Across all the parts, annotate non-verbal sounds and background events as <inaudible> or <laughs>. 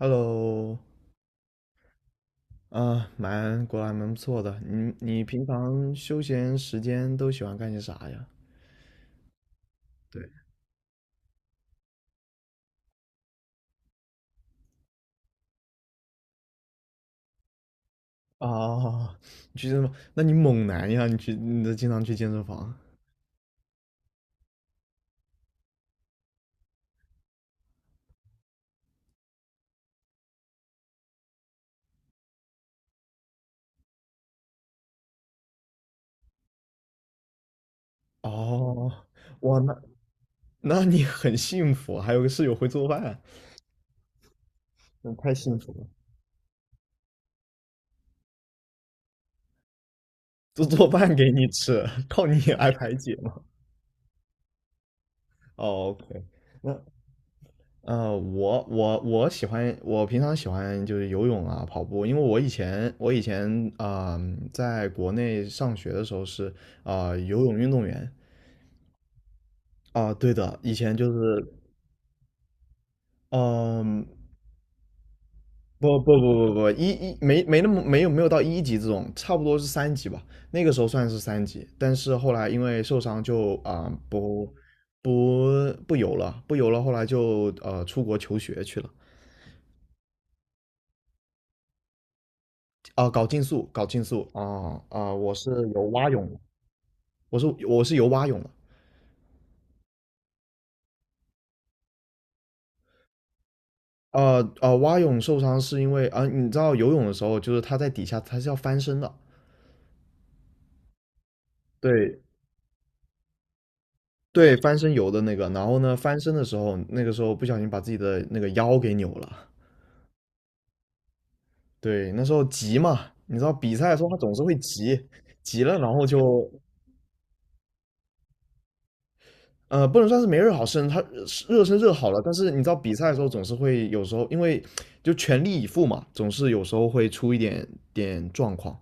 Hello，蛮果然蛮不错的。你平常休闲时间都喜欢干些啥呀？对，哦，你去健身房？那你猛男呀？你去，你都经常去健身房？哦，哇，那 <laughs> 那你很幸福啊，还有个室友会做饭，那太幸福了，做饭给你吃，<laughs> 靠你来排解吗？哦，OK，那我喜欢，我平常喜欢就是游泳啊、跑步，因为我以前在国内上学的时候是游泳运动员。对的，以前就是嗯、不没没那么没有到一级这种，差不多是三级吧，那个时候算是三级，但是后来因为受伤就不游了，后来就出国求学去了。搞竞速，我是游蛙泳。我是游蛙泳的。蛙泳受伤是因为你知道游泳的时候，就是它在底下它是要翻身的，对。对，翻身游的那个。然后呢，翻身的时候，那个时候不小心把自己的那个腰给扭了。对，那时候急嘛，你知道比赛的时候他总是会急，急了然后就不能算是没热好身，他热身热好了，但是你知道比赛的时候总是会有时候因为就全力以赴嘛，总是有时候会出点状况。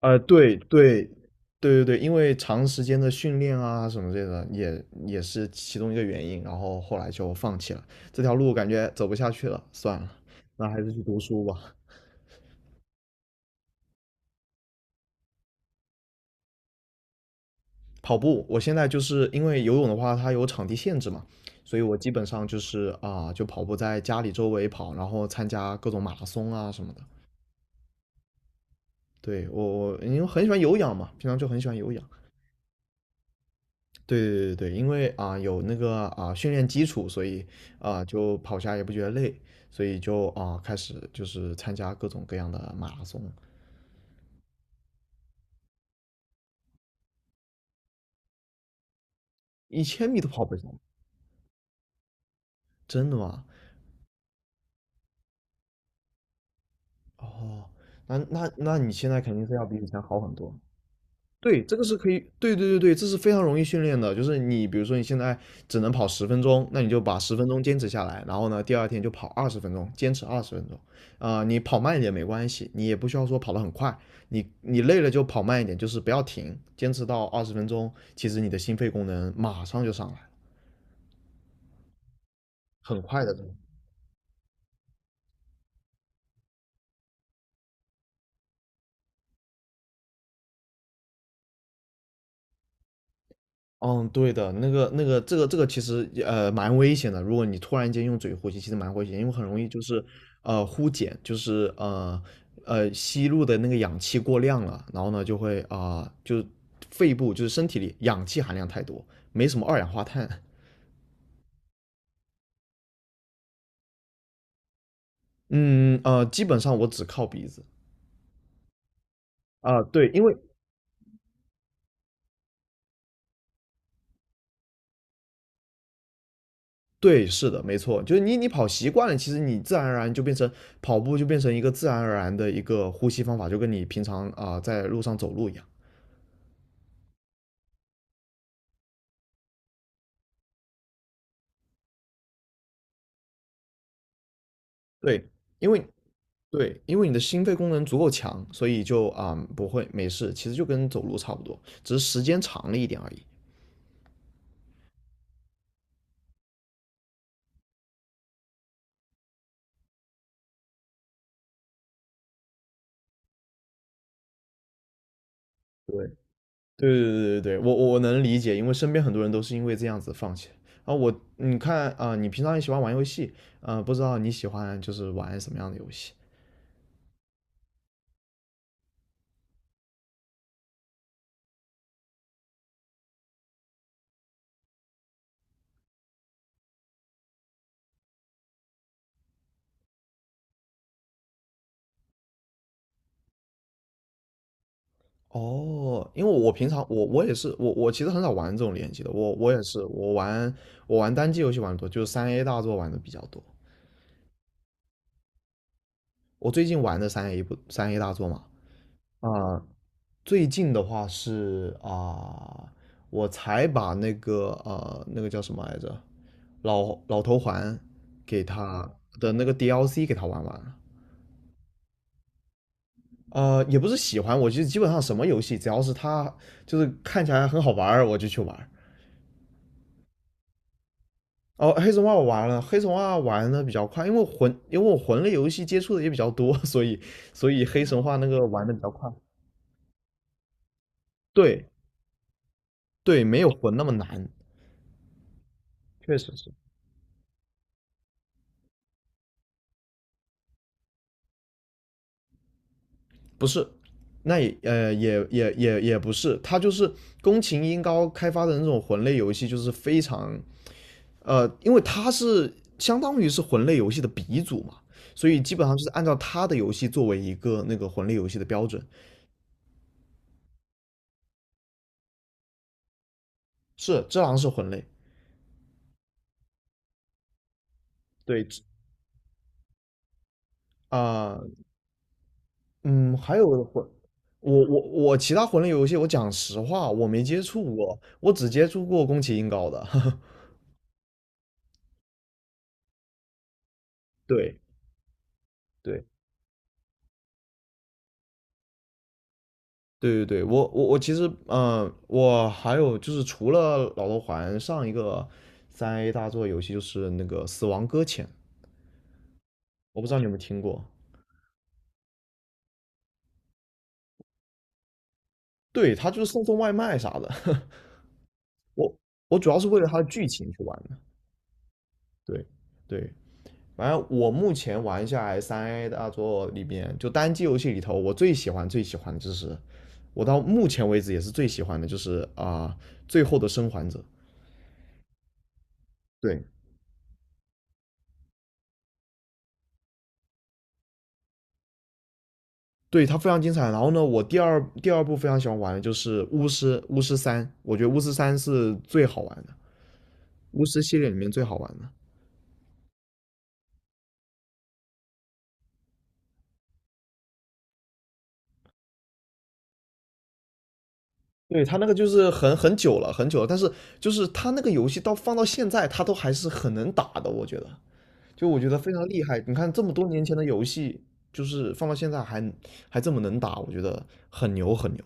呃，对对对。因为长时间的训练啊什么这个，也是其中一个原因，然后后来就放弃了这条路，感觉走不下去了，算了，那还是去读书吧。跑步，我现在就是因为游泳的话，它有场地限制嘛，所以我基本上就是就跑步在家里周围跑，然后参加各种马拉松啊什么的。对，我因为很喜欢有氧嘛，平常就很喜欢有氧。对对对对，因为有那个训练基础，所以就跑下也不觉得累，所以就开始就是参加各种各样的马拉松，一千米都跑不上，真的吗？哦，那你现在肯定是要比以前好很多。对，这个是可以，对对对对，这是非常容易训练的。就是你比如说你现在只能跑十分钟，那你就把十分钟坚持下来，然后呢，第二天就跑二十分钟，坚持二十分钟。你跑慢一点没关系，你也不需要说跑得很快，你你累了就跑慢一点，就是不要停，坚持到二十分钟，其实你的心肺功能马上就上来了，很快的。嗯，对的，这个其实也蛮危险的。如果你突然间用嘴呼吸，其实蛮危险，因为很容易就是呼碱，就是吸入的那个氧气过量了，然后呢就会就肺部就是身体里氧气含量太多，没什么二氧化碳。基本上我只靠鼻子。对，因为对，是的，没错，就是你你跑习惯了，其实你自然而然就变成跑步就变成一个自然而然的一个呼吸方法，就跟你平常在路上走路一样。对，因为对，因为你的心肺功能足够强，所以就不会没事，其实就跟走路差不多，只是时间长了一点而已。对，对对对。我能理解，因为身边很多人都是因为这样子放弃。啊，我你看你平常也喜欢玩游戏，啊，不知道你喜欢就是玩什么样的游戏？哦，因为我平常我也是我其实很少玩这种联机的，我也是我玩单机游戏玩的多，就是三 A 大作玩的比较多。我最近玩的三 A 不三 A 大作嘛，啊、最近的话是呃我才把那个那个叫什么来着，老头环给他的那个 DLC 给他玩完了。也不是喜欢，我就基本上什么游戏，只要是他就是看起来很好玩儿，我就去玩儿。哦，黑神话我玩了，黑神话玩的比较快，因为魂，因为我魂类游戏接触的也比较多，<laughs> 所以黑神话那个玩的比较快。对对，没有魂那么难，确实是。不是，那也也不是，他就是宫崎英高开发的那种魂类游戏，就是非常因为他是相当于是魂类游戏的鼻祖嘛，所以基本上就是按照他的游戏作为一个那个魂类游戏的标准。是，《只狼》是魂类，对。啊、嗯，还有魂。我其他魂类游戏，我讲实话，我没接触过，我只接触过宫崎英高的。<laughs> 对对，对对对，我其实，嗯，我还有就是除了老头环，上一个三 A 大作游戏就是那个《死亡搁浅》，我不知道你有没有听过。对，他就是送外卖啥的。<laughs> 我我主要是为了他的剧情去玩的。对对，反正我目前玩下来三 A 大作里边，就单机游戏里头，我最喜欢最喜欢的就是，我到目前为止也是最喜欢的就是最后的生还者》。对，对，它非常精彩。然后呢，我第二部非常喜欢玩的就是巫师，巫师三，我觉得巫师三是最好玩的，巫师系列里面最好玩的。对，它那个就是很久了，很久了，但是就是它那个游戏到放到现在，它都还是很能打的，我觉得，就我觉得非常厉害。你看这么多年前的游戏，就是放到现在还这么能打，我觉得很牛很牛。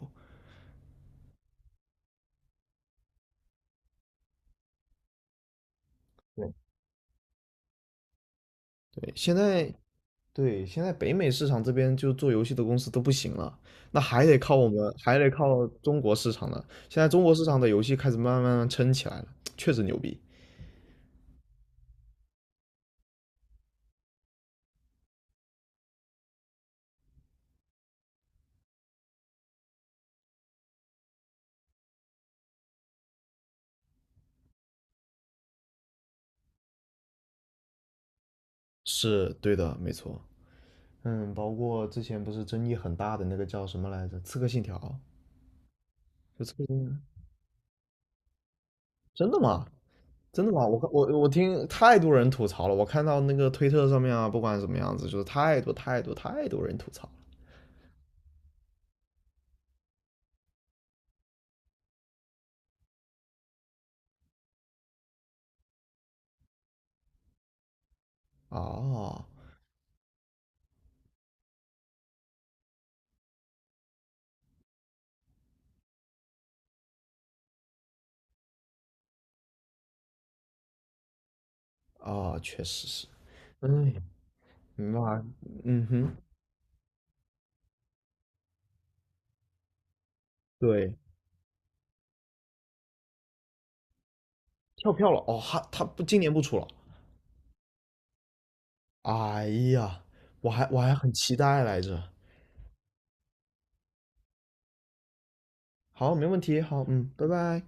对对，现在对，现在北美市场这边就做游戏的公司都不行了，那还得靠我们，还得靠中国市场呢。现在中国市场的游戏开始慢慢撑起来了，确实牛逼。是对的，没错。嗯，包括之前不是争议很大的那个叫什么来着，《刺客信条》，就刺客信条，真的吗？真的吗？我看我我听太多人吐槽了，我看到那个推特上面啊，不管什么样子，就是太多人吐槽了。啊啊，确实是。哎，明白。嗯哼。对，跳票了哦，他不今年不出了。哎呀，我还很期待来着。好，没问题，好，嗯，拜拜。